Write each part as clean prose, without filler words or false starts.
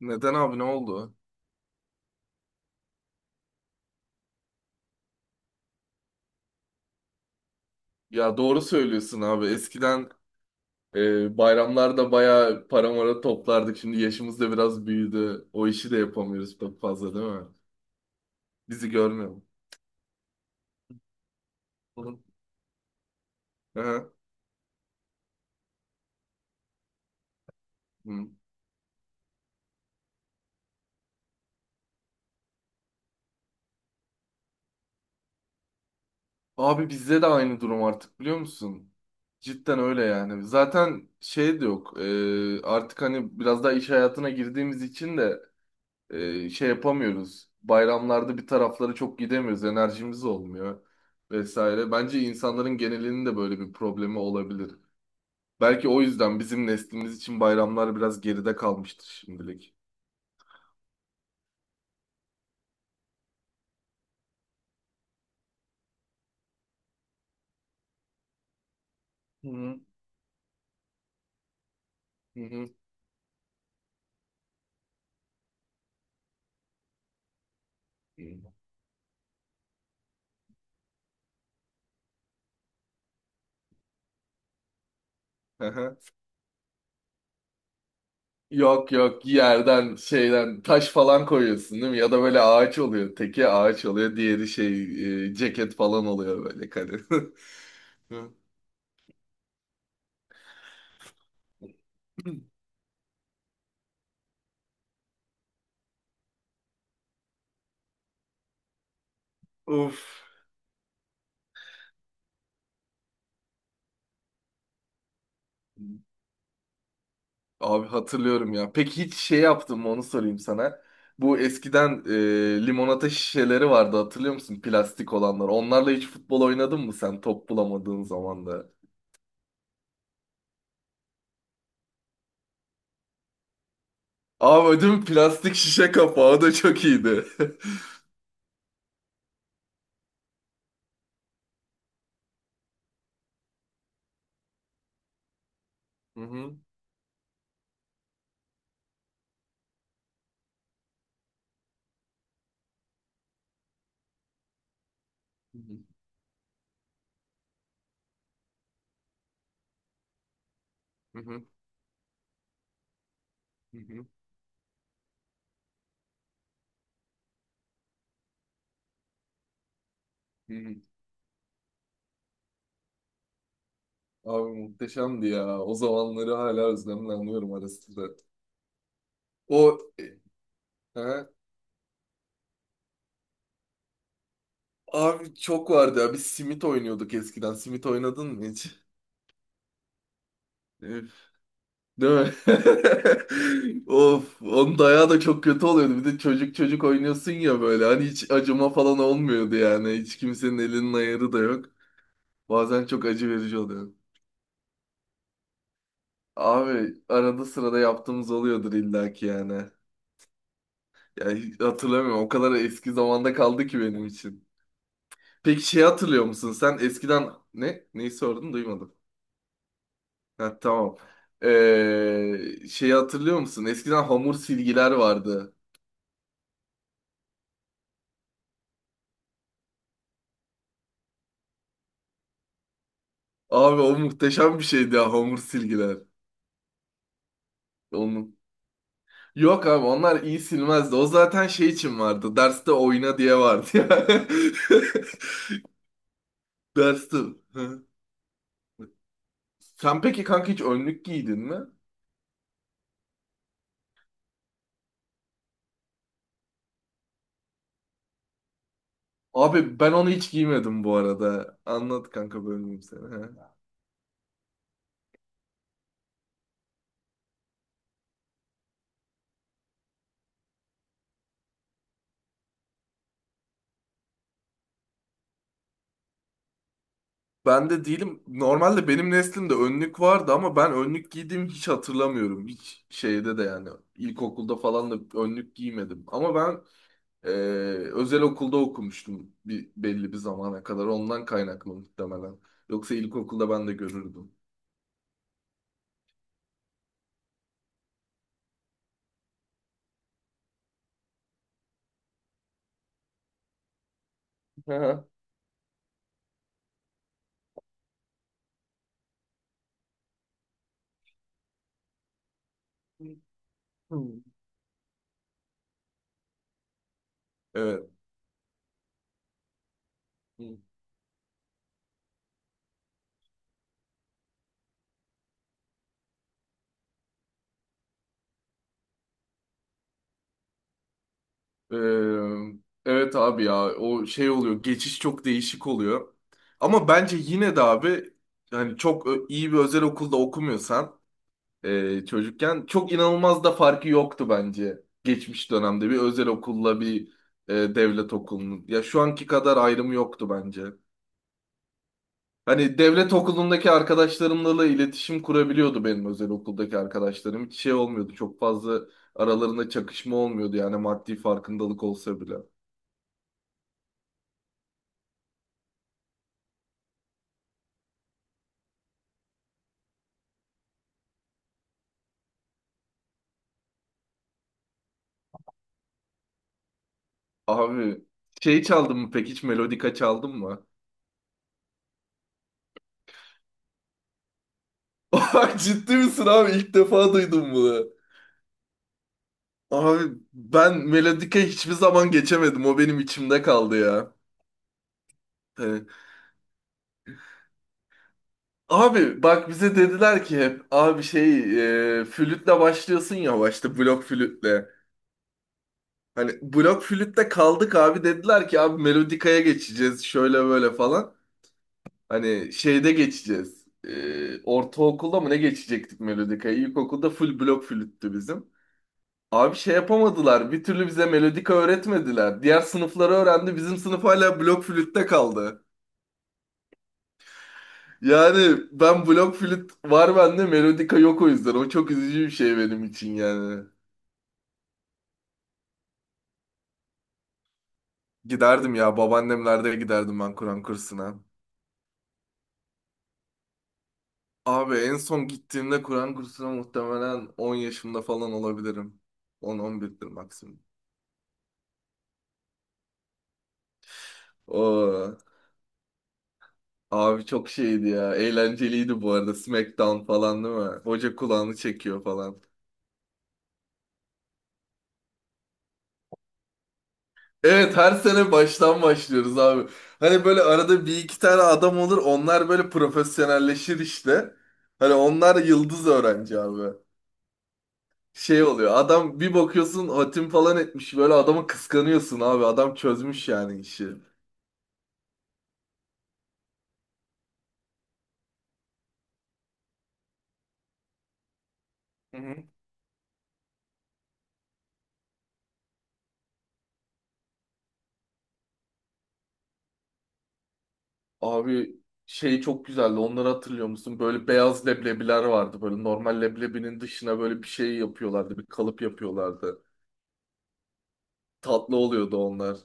Neden abi ne oldu? Ya doğru söylüyorsun abi. Eskiden bayramlarda bayağı para mara toplardık. Şimdi yaşımız da biraz büyüdü. O işi de yapamıyoruz çok fazla değil mi? Bizi görmüyor. Hı hı. Hı. Abi bizde de aynı durum artık biliyor musun? Cidden öyle yani. Zaten şey de yok. Artık hani biraz daha iş hayatına girdiğimiz için de şey yapamıyoruz. Bayramlarda bir taraflara çok gidemiyoruz. Enerjimiz olmuyor vesaire. Bence insanların genelinin de böyle bir problemi olabilir. Belki o yüzden bizim neslimiz için bayramlar biraz geride kalmıştır şimdilik. Hı hı. Hı hı. Hı hı. Yok yok yerden şeyden taş falan koyuyorsun değil mi? Ya da böyle ağaç oluyor. Teki ağaç oluyor. Diğeri şey ceket falan oluyor böyle kalın. Of. Abi hatırlıyorum ya. Peki hiç şey yaptın mı onu sorayım sana. Bu eskiden limonata şişeleri vardı hatırlıyor musun? Plastik olanlar. Onlarla hiç futbol oynadın mı sen top bulamadığın zaman da? Abi ödüm plastik şişe kapağı o da çok iyiydi. Hı hı. Hı hı. Hı hı. Hı hı. Abi muhteşemdi ya. O zamanları hala özlemle anıyorum ara sıra. O ha? Abi çok vardı ya. Biz simit oynuyorduk eskiden. Simit oynadın mı hiç? Değil mi? Of, onun dayağı da çok kötü oluyordu. Bir de çocuk çocuk oynuyorsun ya böyle. Hani hiç acıma falan olmuyordu yani. Hiç kimsenin elinin ayarı da yok. Bazen çok acı verici oluyor. Abi arada sırada yaptığımız oluyordur illaki yani. Ya hiç hatırlamıyorum. O kadar eski zamanda kaldı ki benim için. Peki şey hatırlıyor musun? Sen eskiden ne? Neyi sordun? Duymadım. Ha, tamam. Şeyi hatırlıyor musun? Eskiden hamur silgiler vardı. Abi o muhteşem bir şeydi ya hamur silgiler. Onun. Yok abi onlar iyi silmezdi. O zaten şey için vardı. Derste oyna diye vardı ya. Derste. Hı. Sen peki kanka hiç önlük giydin mi? Abi ben onu hiç giymedim bu arada. Anlat kanka bölmeyeyim seni. Hı. Ben de değilim. Normalde benim neslimde önlük vardı ama ben önlük giydiğimi hiç hatırlamıyorum. Hiç şeyde de yani ilkokulda falan da önlük giymedim. Ama ben Ee, özel okulda okumuştum bir, belli bir zamana kadar. Ondan kaynaklı muhtemelen. Yoksa ilkokulda ben de görürdüm. Aha. Hmm. Evet. Hmm. Ee, evet abi ya o şey oluyor. Geçiş çok değişik oluyor. Ama bence yine de abi yani çok iyi bir özel okulda okumuyorsan çocukken çok inanılmaz da farkı yoktu bence. Geçmiş dönemde bir özel okulla bir devlet okulunun. Ya şu anki kadar ayrımı yoktu bence. Hani devlet okulundaki arkadaşlarımla da iletişim kurabiliyordu benim özel okuldaki arkadaşlarım. Hiç şey olmuyordu. Çok fazla aralarında çakışma olmuyordu yani maddi farkındalık olsa bile. Abi şey çaldın mı peki hiç melodika çaldın mı? Ay, ciddi misin abi? İlk defa duydum bunu. Abi ben melodika hiçbir zaman geçemedim. O benim içimde kaldı ya. Hani, abi bak bize dediler ki hep abi şey flütle başlıyorsun ya başta blok flütle. Hani blok flütte kaldık abi dediler ki abi melodikaya geçeceğiz şöyle böyle falan. Hani şeyde geçeceğiz. Ortaokulda mı ne geçecektik melodikaya? İlkokulda full blok flüttü bizim. Abi şey yapamadılar. Bir türlü bize melodika öğretmediler. Diğer sınıfları öğrendi. Bizim sınıf hala blok flütte kaldı. Yani ben blok flüt var bende melodika yok o yüzden. O çok üzücü bir şey benim için yani. Giderdim ya babaannemlerde giderdim ben Kur'an kursuna. Abi en son gittiğimde Kur'an kursuna muhtemelen 10 yaşımda falan olabilirim. 10-11'dir maksimum. Oo, abi çok şeydi ya. Eğlenceliydi bu arada. Smackdown falan değil mi? Hoca kulağını çekiyor falan. Evet her sene baştan başlıyoruz abi. Hani böyle arada bir iki tane adam olur. Onlar böyle profesyonelleşir işte. Hani onlar yıldız öğrenci abi. Şey oluyor. Adam bir bakıyorsun hatim falan etmiş. Böyle adamı kıskanıyorsun abi. Adam çözmüş yani işi. Hı hı. Abi şey çok güzeldi. Onları hatırlıyor musun? Böyle beyaz leblebiler vardı. Böyle normal leblebinin dışına böyle bir şey yapıyorlardı. Bir kalıp yapıyorlardı. Tatlı oluyordu onlar.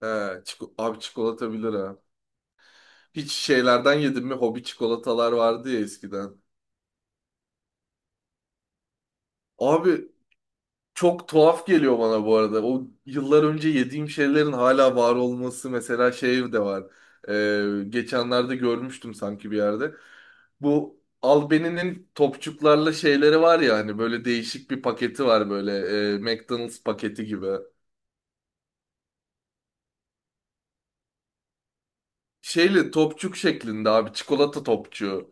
He, abi çikolata bilir ha. Hiç şeylerden yedin mi? Hobi çikolatalar vardı ya eskiden. Abi çok tuhaf geliyor bana bu arada. O yıllar önce yediğim şeylerin hala var olması mesela şey de var. Geçenlerde görmüştüm sanki bir yerde. Bu Albeni'nin topçuklarla şeyleri var ya hani böyle değişik bir paketi var böyle McDonald's paketi gibi. Şeyli topçuk şeklinde abi çikolata topçuğu.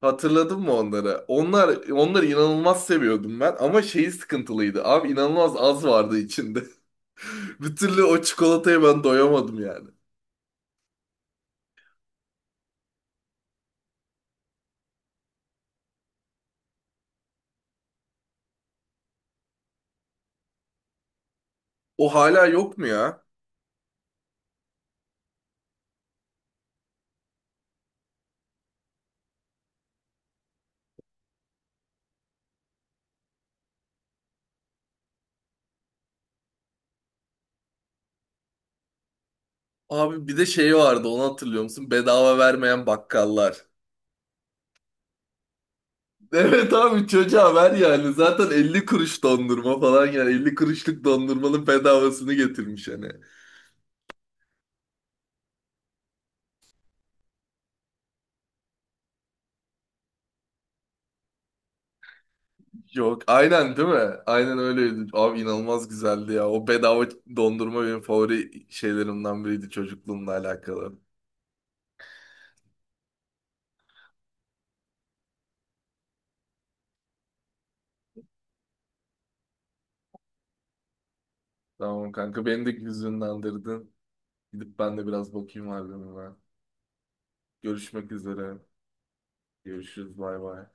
Hatırladın mı onları? Onlar onları inanılmaz seviyordum ben ama şeyi sıkıntılıydı. Abi inanılmaz az vardı içinde. Bir türlü o çikolataya ben doyamadım yani. O hala yok mu ya? Abi bir de şey vardı onu hatırlıyor musun? Bedava vermeyen bakkallar. Evet abi çocuğa ver yani. Zaten 50 kuruş dondurma falan yani 50 kuruşluk dondurmanın bedavasını getirmiş hani. Yok aynen değil mi? Aynen öyleydi. Abi inanılmaz güzeldi ya. O bedava dondurma benim favori şeylerimden biriydi çocukluğumla alakalı. Tamam kanka beni de hüzünlendirdin. Gidip ben de biraz bakayım harbime. Görüşmek üzere. Görüşürüz bay bay.